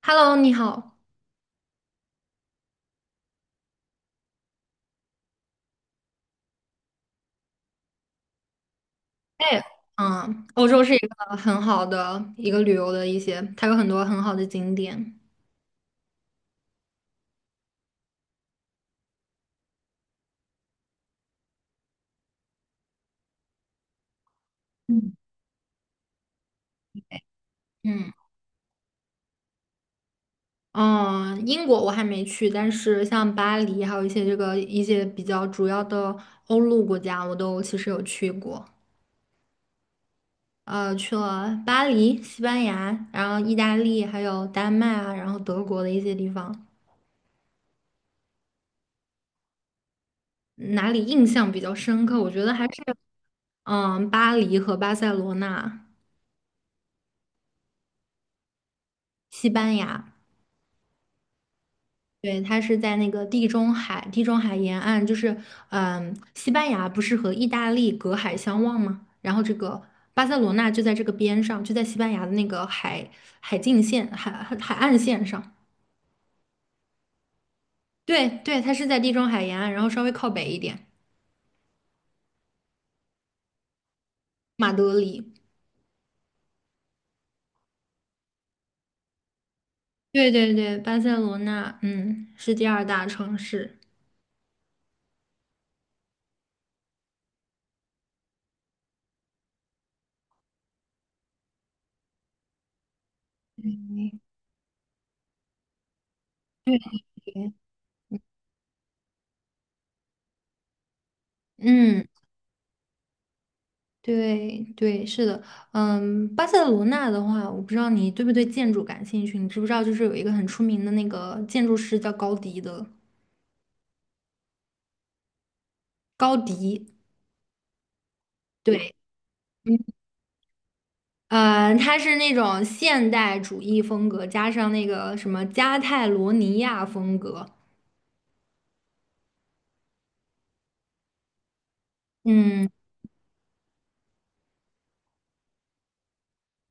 Hello，你好。哎，欧洲是一个很好的一个旅游的一些，它有很多很好的景点。嗯，嗯嗯，英国我还没去，但是像巴黎，还有一些这个一些比较主要的欧陆国家，我都其实有去过。去了巴黎、西班牙，然后意大利，还有丹麦啊，然后德国的一些地方。哪里印象比较深刻？我觉得还是巴黎和巴塞罗那、西班牙。对，它是在那个地中海，地中海沿岸，就是，西班牙不是和意大利隔海相望吗？然后这个巴塞罗那就在这个边上，就在西班牙的那个海海境线、海海海岸线上。对对，它是在地中海沿岸，然后稍微靠北一点。马德里。对对对，巴塞罗那，是第二大城市。对。嗯。对对，是的，巴塞罗那的话，我不知道你对不对建筑感兴趣，你知不知道就是有一个很出名的那个建筑师叫高迪的。高迪。对。嗯。他是那种现代主义风格加上那个什么加泰罗尼亚风格。嗯，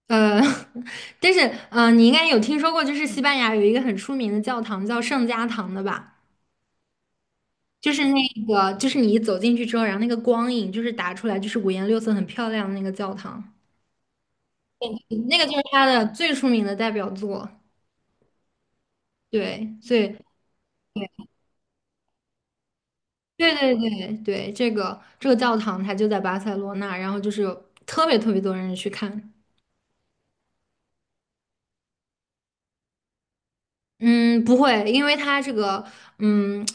呃，但是你应该有听说过，就是西班牙有一个很出名的教堂叫圣家堂的吧？就是那个，就是你一走进去之后，然后那个光影就是打出来，就是五颜六色、很漂亮的那个教堂。那个就是他的最出名的代表作。对，所以对对对对，这个教堂它就在巴塞罗那，然后就是有特别特别多人去看。嗯，不会，因为它这个，嗯，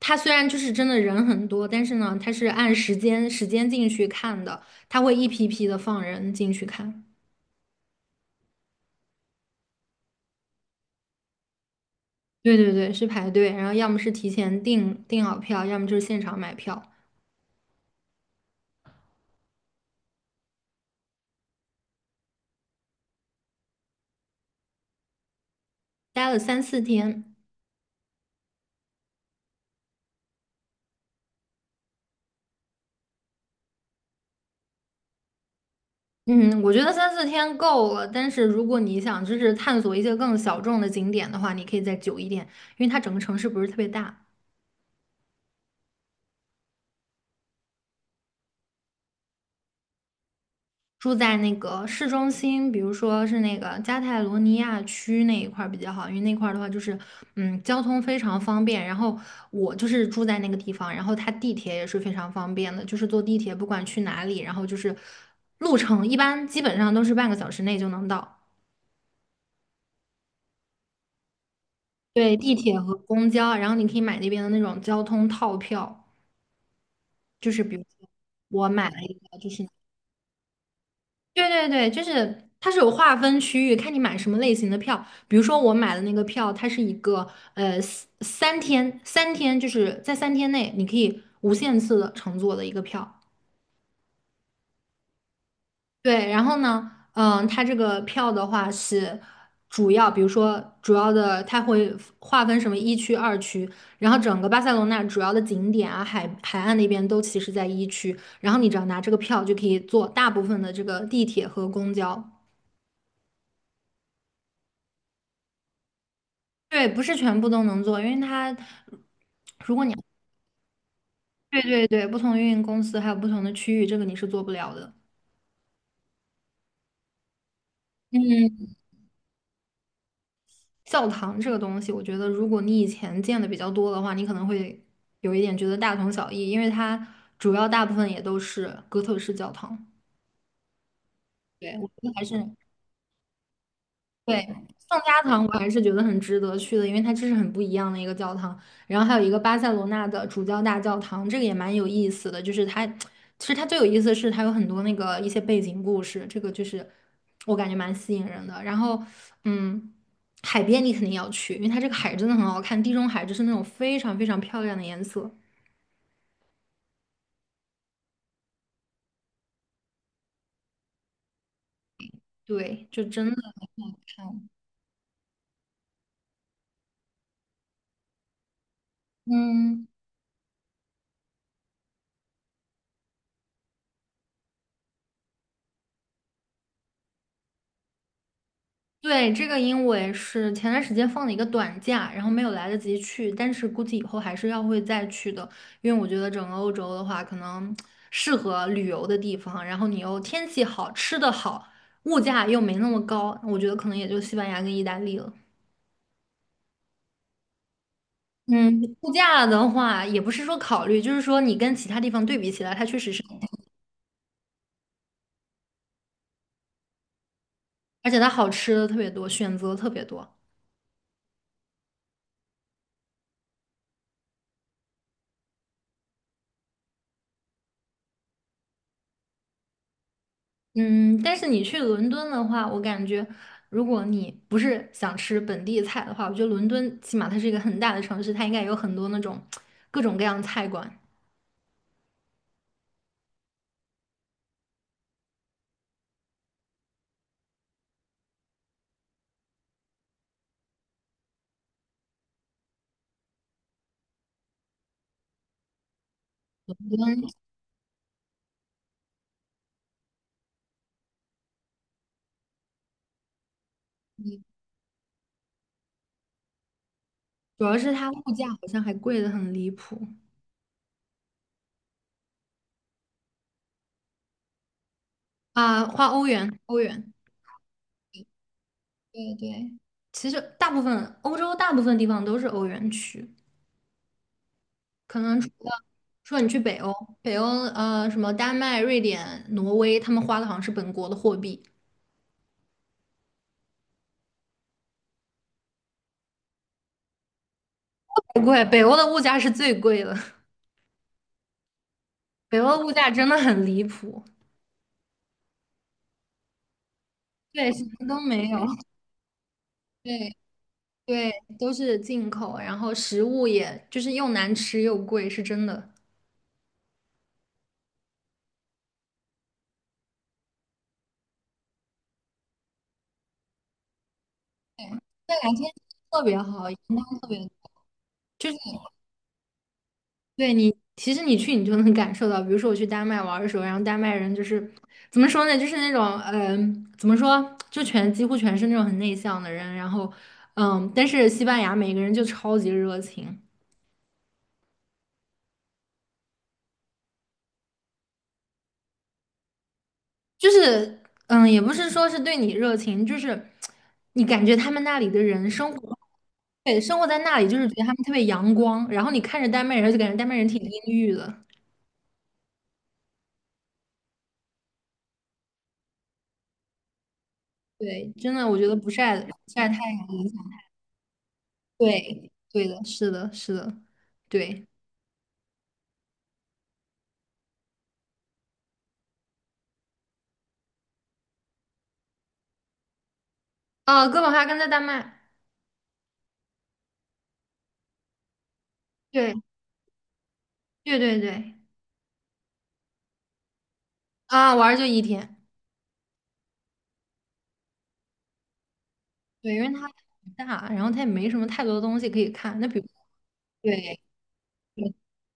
它虽然就是真的人很多，但是呢，它是按时间进去看的，它会一批批的放人进去看。对对对，是排队，然后要么是提前订好票，要么就是现场买票。待了三四天。嗯，我觉得三四天够了，但是如果你想就是探索一些更小众的景点的话，你可以再久一点，因为它整个城市不是特别大。住在那个市中心，比如说是那个加泰罗尼亚区那一块儿比较好，因为那块儿的话就是，交通非常方便。然后我就是住在那个地方，然后它地铁也是非常方便的，就是坐地铁不管去哪里，然后就是路程一般基本上都是半个小时内就能到。对，地铁和公交，然后你可以买那边的那种交通套票，就是比如说我买了一个，就是。对对对，就是它是有划分区域，看你买什么类型的票。比如说我买的那个票，它是一个三天就是在三天内你可以无限次的乘坐的一个票。对，然后呢，它这个票的话是主要，比如说主要的，它会划分什么一区、二区，然后整个巴塞罗那主要的景点啊、海岸那边都其实在一区，然后你只要拿这个票就可以坐大部分的这个地铁和公交。对，不是全部都能做，因为它如果你对对对，不同的运营公司还有不同的区域，这个你是做不了的。嗯，教堂这个东西，我觉得如果你以前见的比较多的话，你可能会有一点觉得大同小异，因为它主要大部分也都是哥特式教堂。对，我觉得还是。对，圣家堂我还是觉得很值得去的，因为它这是很不一样的一个教堂。然后还有一个巴塞罗那的主教大教堂，这个也蛮有意思的。就是它，其实它最有意思的是它有很多那个一些背景故事，这个就是我感觉蛮吸引人的。然后，嗯，海边你肯定要去，因为它这个海真的很好看，地中海就是那种非常非常漂亮的颜色。对，就真的看。嗯。对，这个因为是前段时间放了一个短假，然后没有来得及去，但是估计以后还是要会再去的，因为我觉得整个欧洲的话，可能适合旅游的地方，然后你又天气好，吃的好，物价又没那么高，我觉得可能也就西班牙跟意大利了。嗯，物价的话也不是说考虑，就是说你跟其他地方对比起来，它确实是，而且它好吃的特别多，选择特别多。嗯，但是你去伦敦的话，我感觉如果你不是想吃本地菜的话，我觉得伦敦起码它是一个很大的城市，它应该有很多那种各种各样的菜馆。主要是它物价好像还贵得很离谱啊，花欧元，欧元。对对，其实大部分欧洲大部分地方都是欧元区，可能除了你去北欧，北欧什么丹麦、瑞典、挪威，他们花的好像是本国的货币。不贵，北欧的物价是最贵的。北欧物价真的很离谱。对，什么都没有 对对，都是进口，然后食物也就是又难吃又贵，是真的。对，这两天特别好，阳光特别，就是对你，其实你去你就能感受到，比如说我去丹麦玩的时候，然后丹麦人就是怎么说呢，就是那种怎么说，就全几乎全是那种很内向的人，然后但是西班牙每个人就超级热情。就是，也不是说是对你热情，就是你感觉他们那里的人生活，对，生活在那里，就是觉得他们特别阳光，然后你看着丹麦人，就感觉丹麦人挺阴郁的。对，真的，我觉得不晒不晒太阳，对，对的，是的，是的，对。啊，哥本哈根在丹麦。对。对对对。啊，玩儿就一天。对，因为它很大，然后它也没什么太多的东西可以看，那比如，对。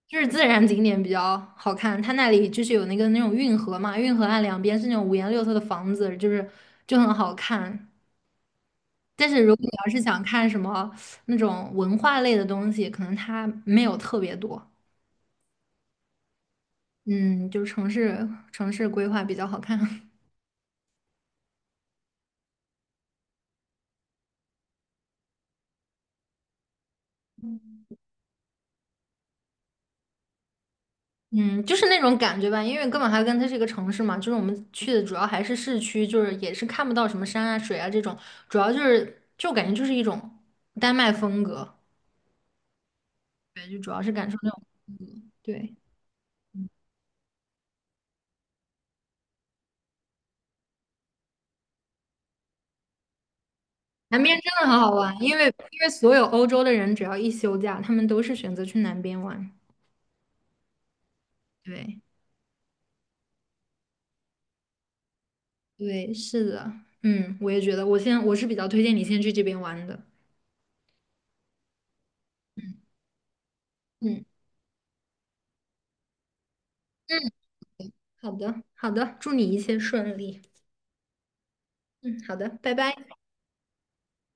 就是自然景点比较好看，它那里就是有那个那种运河嘛，运河岸两边是那种五颜六色的房子，就是就很好看。但是如果你要是想看什么那种文化类的东西，可能它没有特别多。嗯，就是城市规划比较好看。嗯，就是那种感觉吧，因为哥本哈根它是一个城市嘛，就是我们去的主要还是市区，就是也是看不到什么山啊、水啊这种，主要就是就感觉就是一种丹麦风格。对，就主要是感受那种风格。对。南边真的很好玩，因为所有欧洲的人只要一休假，他们都是选择去南边玩。对对，是的，我也觉得，我是比较推荐你先去这边玩的。嗯嗯嗯，好的好的，祝你一切顺利。嗯，好的，拜拜。